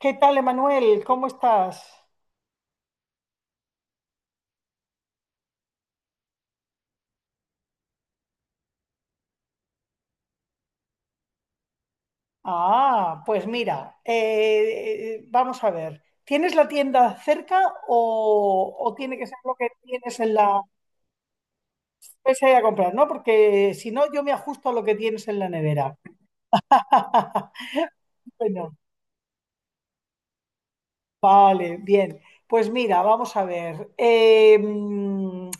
¿Qué tal, Emanuel? ¿Cómo estás? Ah, pues mira, vamos a ver. ¿Tienes la tienda cerca o tiene que ser lo que tienes en la... Pues a ir a comprar, ¿no? Porque si no, yo me ajusto a lo que tienes en la nevera. Bueno, vale, bien. Pues mira, vamos a ver.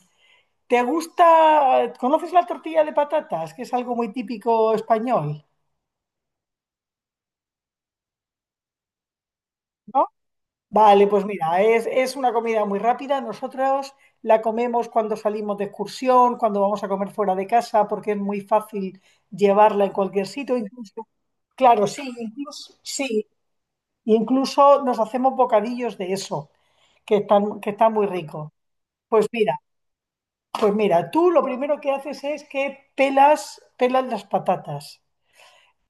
¿Te gusta, conoces la tortilla de patatas, que es algo muy típico español? ¿No? Vale, pues mira, es una comida muy rápida. Nosotros la comemos cuando salimos de excursión, cuando vamos a comer fuera de casa, porque es muy fácil llevarla en cualquier sitio. Incluso, claro, sí, incluso nos hacemos bocadillos de eso, que están muy ricos. Pues mira, pues mira, tú lo primero que haces es que pelas las patatas.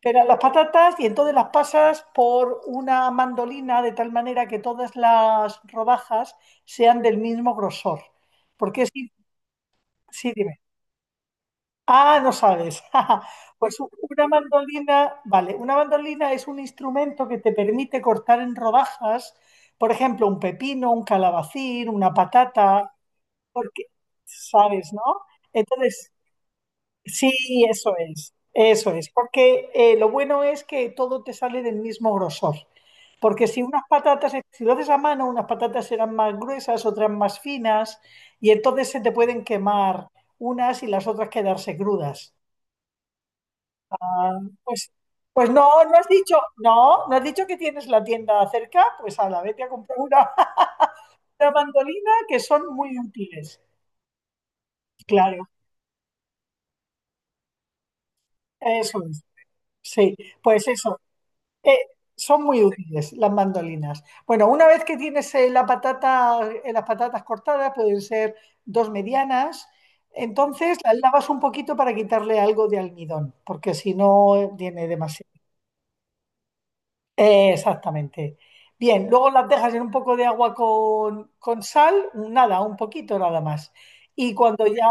Pero las patatas, y entonces las pasas por una mandolina de tal manera que todas las rodajas sean del mismo grosor. Porque sí, sí, dime. Ah, no sabes. Pues una mandolina, vale, una mandolina es un instrumento que te permite cortar en rodajas, por ejemplo, un pepino, un calabacín, una patata, porque sabes, ¿no? Entonces, sí, eso es, porque lo bueno es que todo te sale del mismo grosor. Porque si unas patatas, si lo haces a mano, unas patatas serán más gruesas, otras más finas, y entonces se te pueden quemar unas y las otras quedarse crudas. Pues, pues no, no has dicho que tienes la tienda cerca, pues a la vete a comprar una, una mandolina, que son muy útiles. Claro, eso es. Sí, pues eso. Eh, son muy útiles las mandolinas. Bueno, una vez que tienes la patata, las patatas cortadas, pueden ser dos medianas, entonces las lavas un poquito para quitarle algo de almidón, porque si no tiene demasiado. Exactamente. Bien, luego las dejas en un poco de agua con sal, nada, un poquito nada más. Y cuando ya,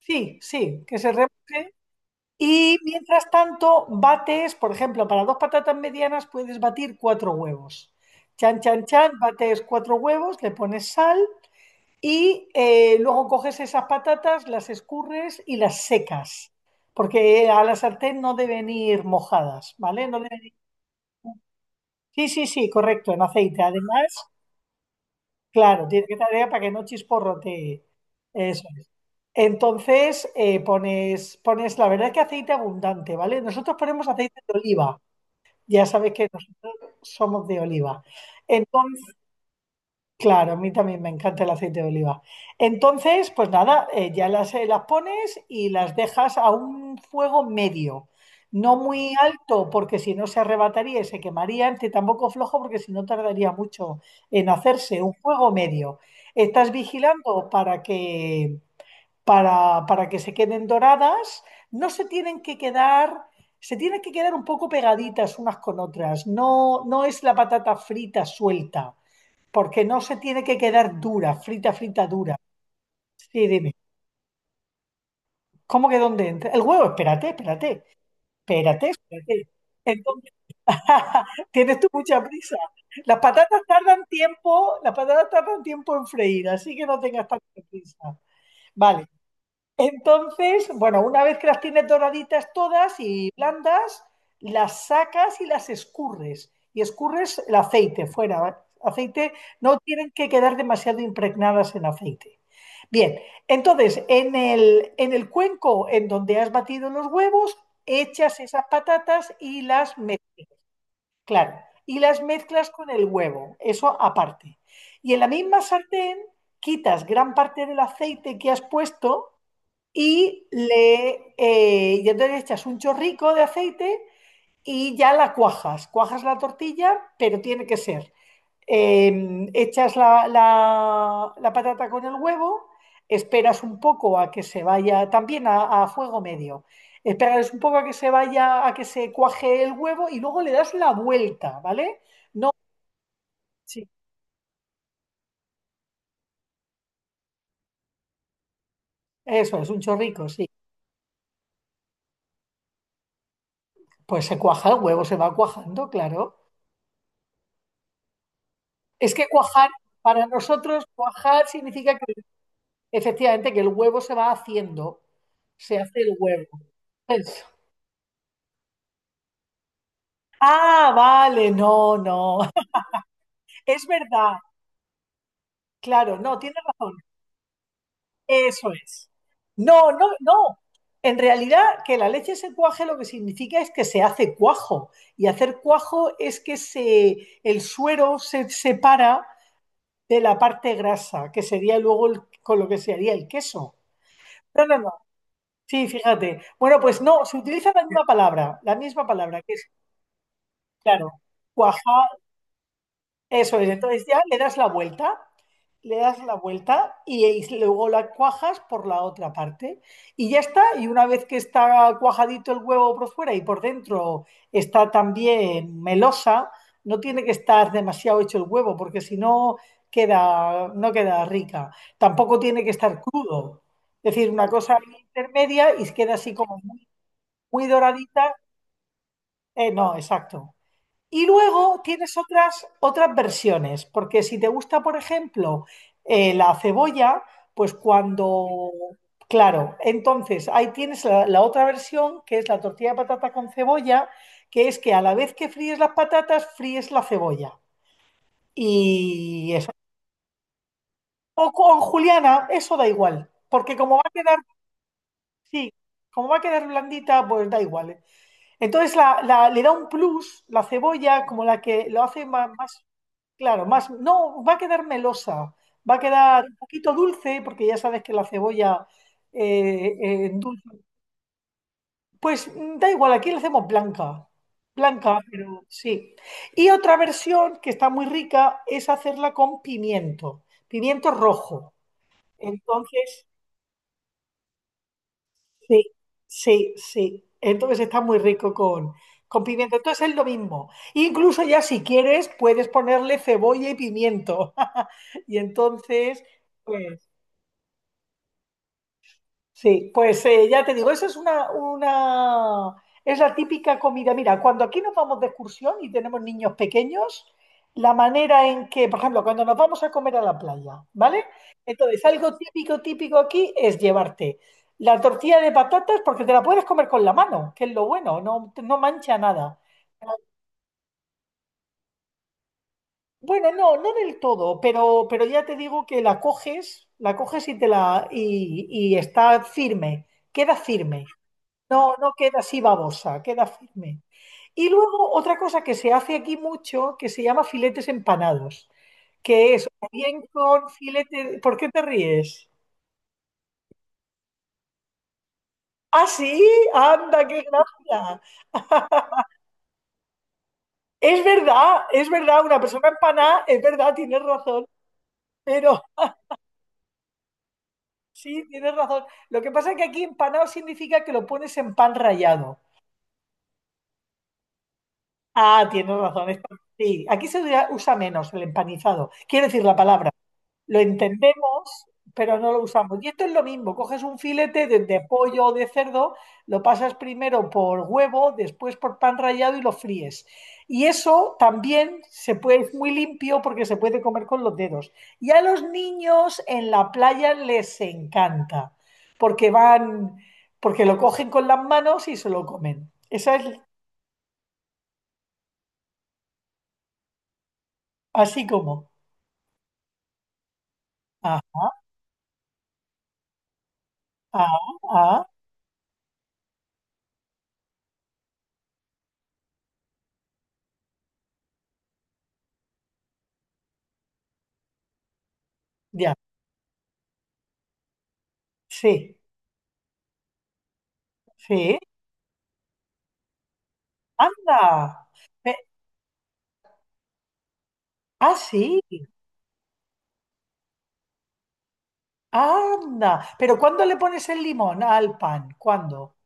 sí, sí, que se remoje, y mientras tanto, bates, por ejemplo, para dos patatas medianas puedes batir cuatro huevos. Chan, chan, chan, bates cuatro huevos, le pones sal y luego coges esas patatas, las escurres y las secas, porque a la sartén no deben ir mojadas, ¿vale? No deben ir- Sí, sí, sí, correcto, en aceite. Además, claro, tiene que estar para que no chisporrote. Eso es. Entonces, pones, la verdad es que aceite abundante, ¿vale? Nosotros ponemos aceite de oliva. Ya sabes que nosotros somos de oliva. Entonces, claro, a mí también me encanta el aceite de oliva. Entonces, pues nada, ya las pones y las dejas a un fuego medio. No muy alto, porque si no se arrebataría y se quemaría, ni tampoco flojo, porque si no tardaría mucho en hacerse. Un fuego medio. Estás vigilando para que para que se queden doradas. No se tienen que quedar, se tienen que quedar un poco pegaditas unas con otras. No, no es la patata frita suelta, porque no se tiene que quedar dura, frita, frita, dura. Sí, dime. ¿Cómo que dónde entra? El huevo, espérate. Entonces, tienes tú mucha prisa. Las patatas tardan tiempo, las patatas tardan tiempo en freír, así que no tengas tanta prisa. Vale. Entonces, bueno, una vez que las tienes doraditas todas y blandas, las sacas y las escurres. Y escurres el aceite fuera, ¿vale? aceite, no tienen que quedar demasiado impregnadas en aceite. Bien, entonces en el cuenco en donde has batido los huevos, echas esas patatas y las mezclas. Y las mezclas con el huevo, eso aparte. Y en la misma sartén quitas gran parte del aceite que has puesto y entonces le echas un chorrico de aceite y ya la cuajas. Cuajas la tortilla, pero tiene que ser. Echas la, la patata con el huevo, esperas un poco a que se vaya, también a fuego medio. Esperas un poco a que se vaya, a que se cuaje el huevo y luego le das la vuelta, ¿vale? No, sí. Eso es un chorrico, sí. Pues se cuaja el huevo, se va cuajando, claro. Es que cuajar, para nosotros, cuajar significa que efectivamente que el huevo se va haciendo, se hace el huevo. Eso. Ah, vale, no, no. Es verdad, claro, no, tienes razón. Eso es. No, no, no. En realidad, que la leche se cuaje lo que significa es que se hace cuajo. Y hacer cuajo es que el suero se separa de la parte grasa, que sería luego el- con lo que se haría el queso. No, no, no. Sí, fíjate. Bueno, pues no, se utiliza la misma palabra, que es, claro, cuajar, eso es. Entonces ya le das la vuelta, y luego la cuajas por la otra parte. Y ya está, y una vez que está cuajadito el huevo por fuera y por dentro, está también melosa, no tiene que estar demasiado hecho el huevo, porque si no queda, no queda rica. Tampoco tiene que estar crudo. Es decir, una cosa intermedia, y queda así como muy, muy doradita. No, exacto. Y luego tienes otras versiones, porque si te gusta, por ejemplo, la cebolla, pues cuando... Claro, entonces ahí tienes la otra versión, que es la tortilla de patata con cebolla, que es que a la vez que fríes las patatas, fríes la cebolla. Y eso. O con juliana, eso da igual, porque como va a quedar, sí, como va a quedar blandita, pues da igual. ¿Eh? Entonces la, le da un plus la cebolla, como la que lo hace más. Claro, más, no, va a quedar melosa, va a quedar un poquito dulce, porque ya sabes que la cebolla endulza. Pues da igual, aquí la hacemos blanca, blanca, pero sí. Y otra versión que está muy rica es hacerla con pimiento, pimiento rojo. Entonces, sí, sí, sí. Entonces está muy rico con pimiento. Entonces es lo mismo. Incluso ya, si quieres, puedes ponerle cebolla y pimiento. Y entonces... Pues, sí, pues ya te digo, esa es es la típica comida. Mira, cuando aquí nos vamos de excursión y tenemos niños pequeños, la manera en que, por ejemplo, cuando nos vamos a comer a la playa, ¿vale? Entonces, algo típico, típico aquí es llevarte la tortilla de patatas porque te la puedes comer con la mano, que es lo bueno, no, no mancha nada. Bueno, no, no del todo, pero, ya te digo que la coges y te y está firme, queda firme. No, no queda así babosa, queda firme. Y luego otra cosa que se hace aquí mucho, que se llama filetes empanados, que es o bien con filete... ¿Por qué te ríes? Ah, sí, anda, qué gracia. Es verdad, una persona empanada, es verdad, tienes razón, pero sí, tienes razón. Lo que pasa es que aquí empanado significa que lo pones en pan rallado. Ah, tienes razón, sí, aquí se usa menos el empanizado, quiere decir la palabra. Lo entendemos, pero no lo usamos. Y esto es lo mismo, coges un filete de pollo o de cerdo, lo pasas primero por huevo, después por pan rallado y lo fríes. Y eso también se puede, es muy limpio porque se puede comer con los dedos. Y a los niños en la playa les encanta, porque van, porque lo cogen con las manos y se lo comen. Esa es así como. Ah, ah, ah, ya. Sí, sí. Anda. Ah, sí, anda. Pero ¿cuándo le pones el limón al pan? ¿Cuándo?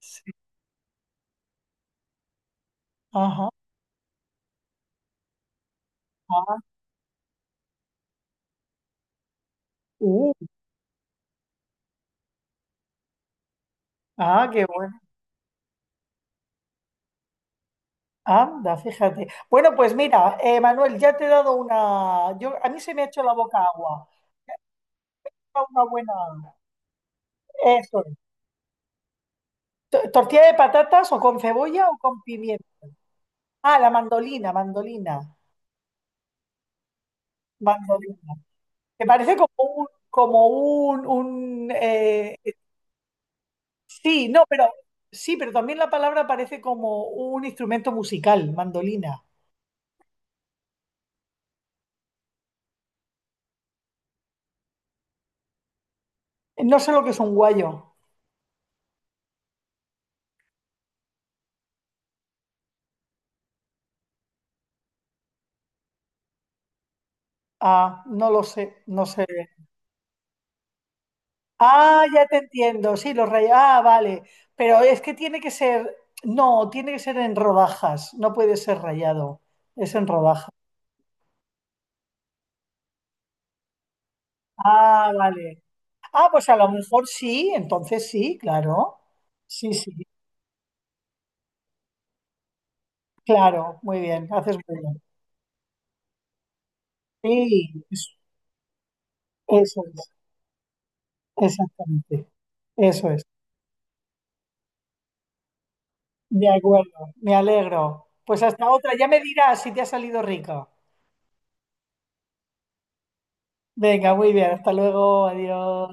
Sí. Ajá. Ah, uh, ah, qué bueno. Anda, fíjate. Bueno, pues mira, Manuel, ya te he dado una. A mí se me ha hecho la boca agua. Una buena. Eso es. ¿Tortilla de patatas o con cebolla o con pimiento? Ah, la mandolina, mandolina, mandolina. Me parece como un, como un, Sí, no, pero sí, pero también la palabra parece como un instrumento musical, mandolina. No sé lo que es un guayo. Ah, no lo sé, no sé. Ah, ya te entiendo. Sí, los rayos. Ah, vale. Pero es que tiene que ser, no, tiene que ser en rodajas. No puede ser rayado. Es en rodajas. Ah, vale. Ah, pues a lo mejor sí, entonces sí, claro. Sí, sí, claro, muy bien, haces muy bien. Sí, eso es, exactamente. Eso es. De acuerdo, me alegro. Pues hasta otra, ya me dirás si te ha salido rico. Venga, muy bien, hasta luego, adiós.